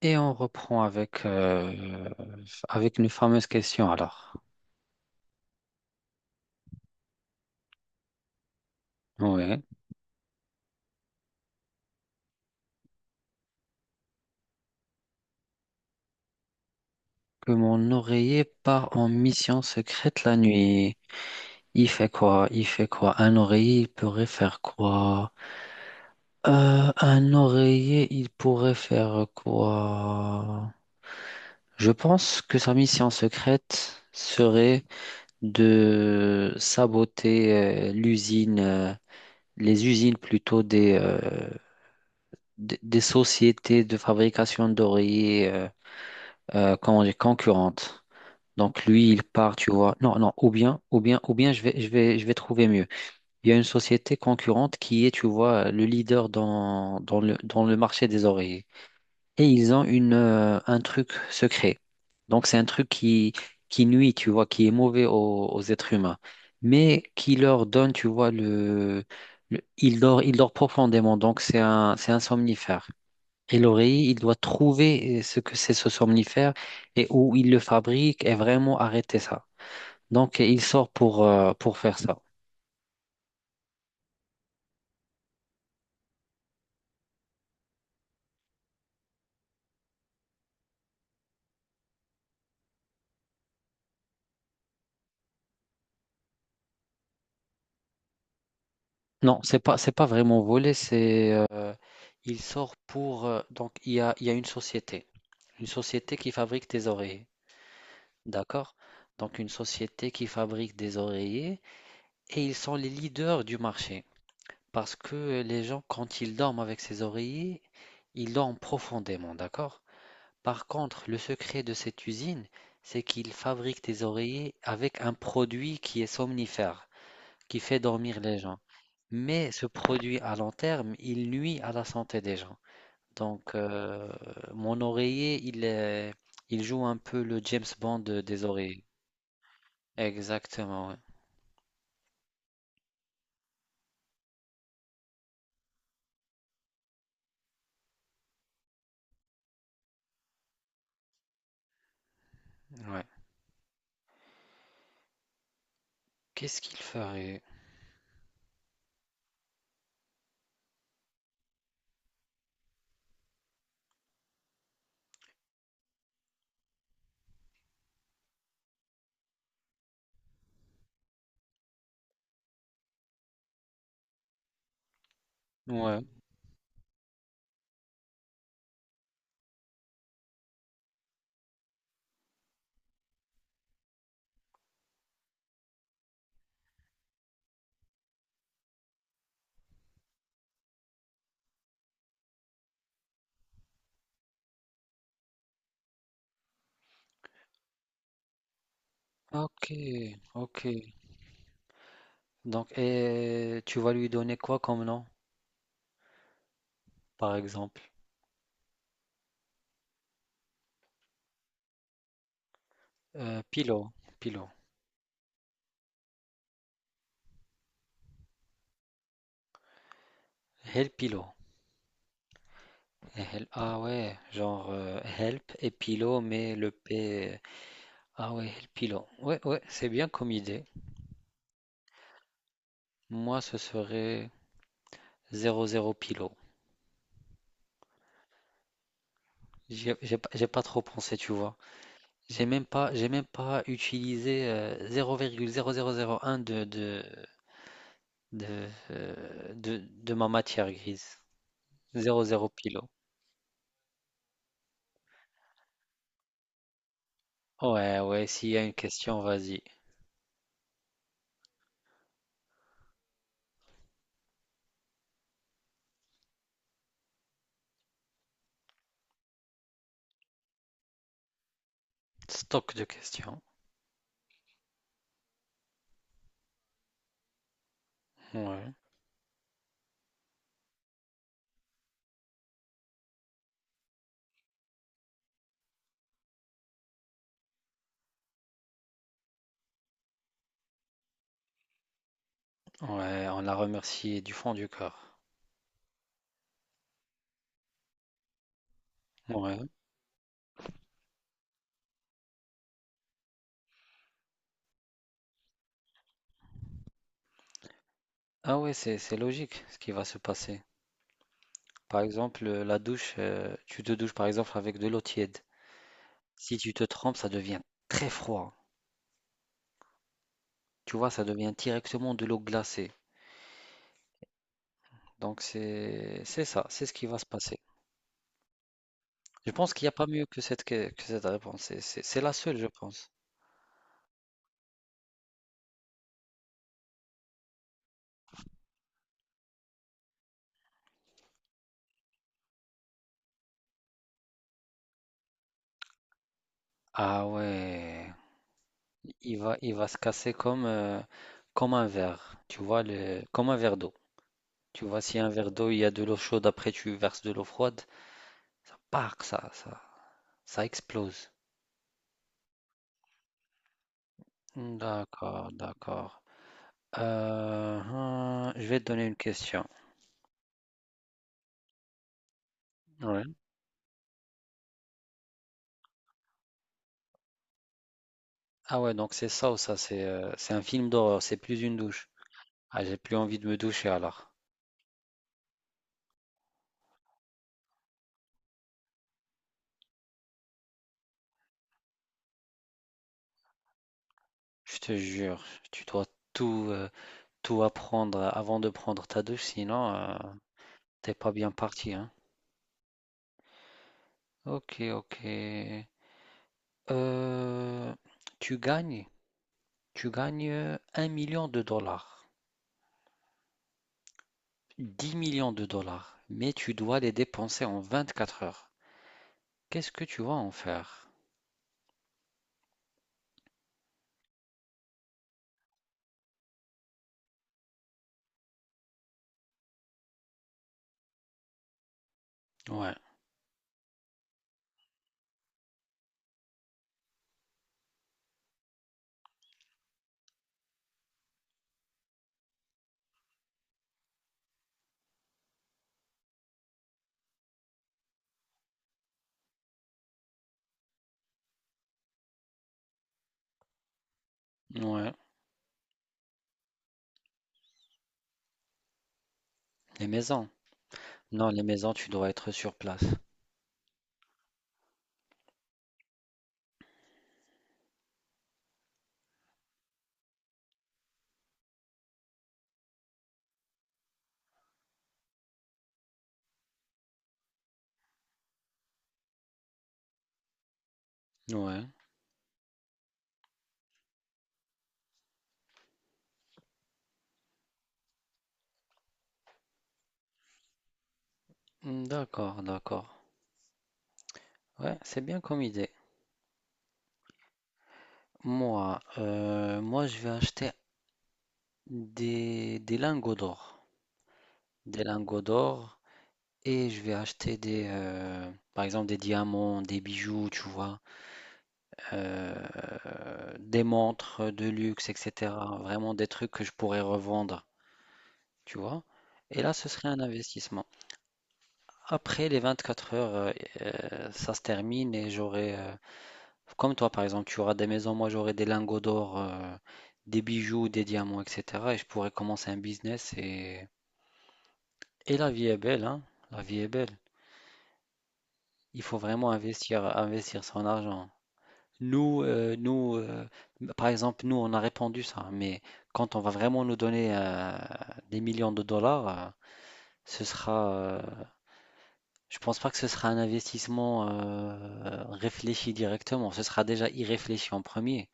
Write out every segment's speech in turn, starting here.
Et on reprend avec une fameuse question alors. Ouais. Que mon oreiller part en mission secrète la nuit. Il fait quoi? Il fait quoi? Un oreiller, il pourrait faire quoi? Un oreiller, il pourrait faire quoi? Je pense que sa mission secrète serait de saboter l'usine, les usines plutôt des sociétés de fabrication d'oreillers comment dire, concurrentes. Donc lui, il part, tu vois. Non, non, ou bien je vais trouver mieux. Il y a une société concurrente qui est, tu vois, le leader dans le marché des oreillers. Et ils ont un truc secret. Donc c'est un truc qui nuit, tu vois, qui est mauvais aux êtres humains. Mais qui leur donne, tu vois, il dort profondément. Donc c'est un somnifère. Et l'oreiller, il doit trouver ce que c'est ce somnifère et où il le fabrique et vraiment arrêter ça. Donc, il sort pour faire ça. Non, c'est pas vraiment voler, il sort donc, il y a une société qui fabrique des oreillers. D'accord? Donc, une société qui fabrique des oreillers et ils sont les leaders du marché parce que les gens, quand ils dorment avec ces oreillers, ils dorment profondément. D'accord? Par contre, le secret de cette usine, c'est qu'ils fabriquent des oreillers avec un produit qui est somnifère, qui fait dormir les gens. Mais ce produit à long terme, il nuit à la santé des gens. Donc, mon oreiller, il joue un peu le James Bond des oreillers. Exactement, ouais. Ouais. Qu'est-ce qu'il ferait? Ouais. Ok, ok. Donc, et tu vas lui donner quoi comme nom, par exemple? Pilo, Pilo. El Pilo. Ah ouais, genre help et pilo, mais le P. Ah ouais, help pilo. Ouais, ouais, c'est bien comme idée. Moi, ce serait 00 pilo. J'ai pas trop pensé, tu vois. J'ai même pas utilisé 0,0001 de, euh, de, de ma matière grise. 00 pilo. Ouais, ouais, s'il y a une question, vas-y. Stock de questions. Ouais, ouais, on la remercie du fond du cœur. Ouais. Ah ouais, c'est logique ce qui va se passer. Par exemple, la douche, tu te douches par exemple avec de l'eau tiède. Si tu te trempes, ça devient très froid. Tu vois, ça devient directement de l'eau glacée. Donc c'est ça, c'est ce qui va se passer. Je pense qu'il n'y a pas mieux que que cette réponse. C'est la seule, je pense. Ah ouais, il va se casser comme comme un verre. Tu vois le comme un verre d'eau. Tu vois si un verre d'eau, il y a de l'eau chaude, après tu verses de l'eau froide, ça part, ça ça ça explose. D'accord, d'accord. Hein, je vais te donner une question. Ouais. Ah ouais, donc c'est ça ou ça, c'est un film d'horreur, c'est plus une douche. Ah, j'ai plus envie de me doucher alors. Je te jure, tu dois tout, euh, tout apprendre avant de prendre ta douche, sinon t'es pas bien parti, hein. Ok, ok. Euh, tu gagnes, tu gagnes, 1 million de dollars, 10 millions de dollars, mais tu dois les dépenser en 24 heures. Qu'est-ce que tu vas en faire? Ouais, ouais. Les maisons. Non, les maisons, tu dois être sur place. Ouais. Hmm, d'accord, d'accord. Ouais, c'est bien comme idée. Moi, je vais acheter des lingots d'or. Des lingots d'or. Et je vais acheter par exemple, des diamants, des bijoux, tu vois, des montres de luxe, etc. Vraiment des trucs que je pourrais revendre, tu vois. Et là, ce serait un investissement. Après les 24 heures, ça se termine et j'aurai, comme toi par exemple, tu auras des maisons, moi j'aurai des lingots d'or, des bijoux, des diamants, et cetera et je pourrais commencer un business et la vie est belle, hein, la vie est belle. Il faut vraiment investir son argent. Nous, par exemple, nous, on a répandu ça, mais quand on va vraiment nous donner, des millions de dollars, ce sera, heu Je pense pas que ce sera un investissement réfléchi directement. Ce sera déjà irréfléchi en premier.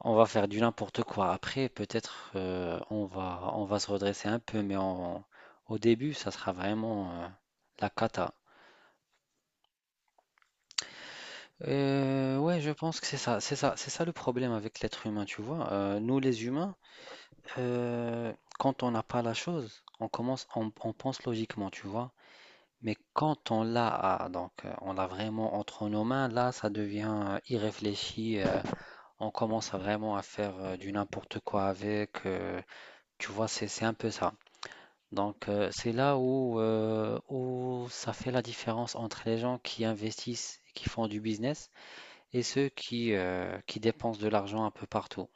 On va faire du n'importe quoi. Après, peut-être on va se redresser un peu, mais au début, ça sera vraiment la cata. Ouais, je pense que c'est ça, c'est ça, c'est ça le problème avec l'être humain, tu vois. Nous, les humains, quand on n'a pas la chose, on commence, on pense logiquement, tu vois. Mais quand on l'a, ah, donc on l'a vraiment entre nos mains, là, ça devient irréfléchi. On commence à vraiment à faire du n'importe quoi avec. Tu vois, c'est un peu ça. Donc c'est là où ça fait la différence entre les gens qui investissent et qui font du business et ceux qui dépensent de l'argent un peu partout.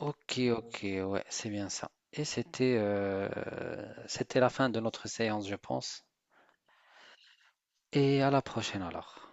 Ok, ok, ouais, c'est bien ça. Et c'était c'était la fin de notre séance, je pense. Et à la prochaine alors.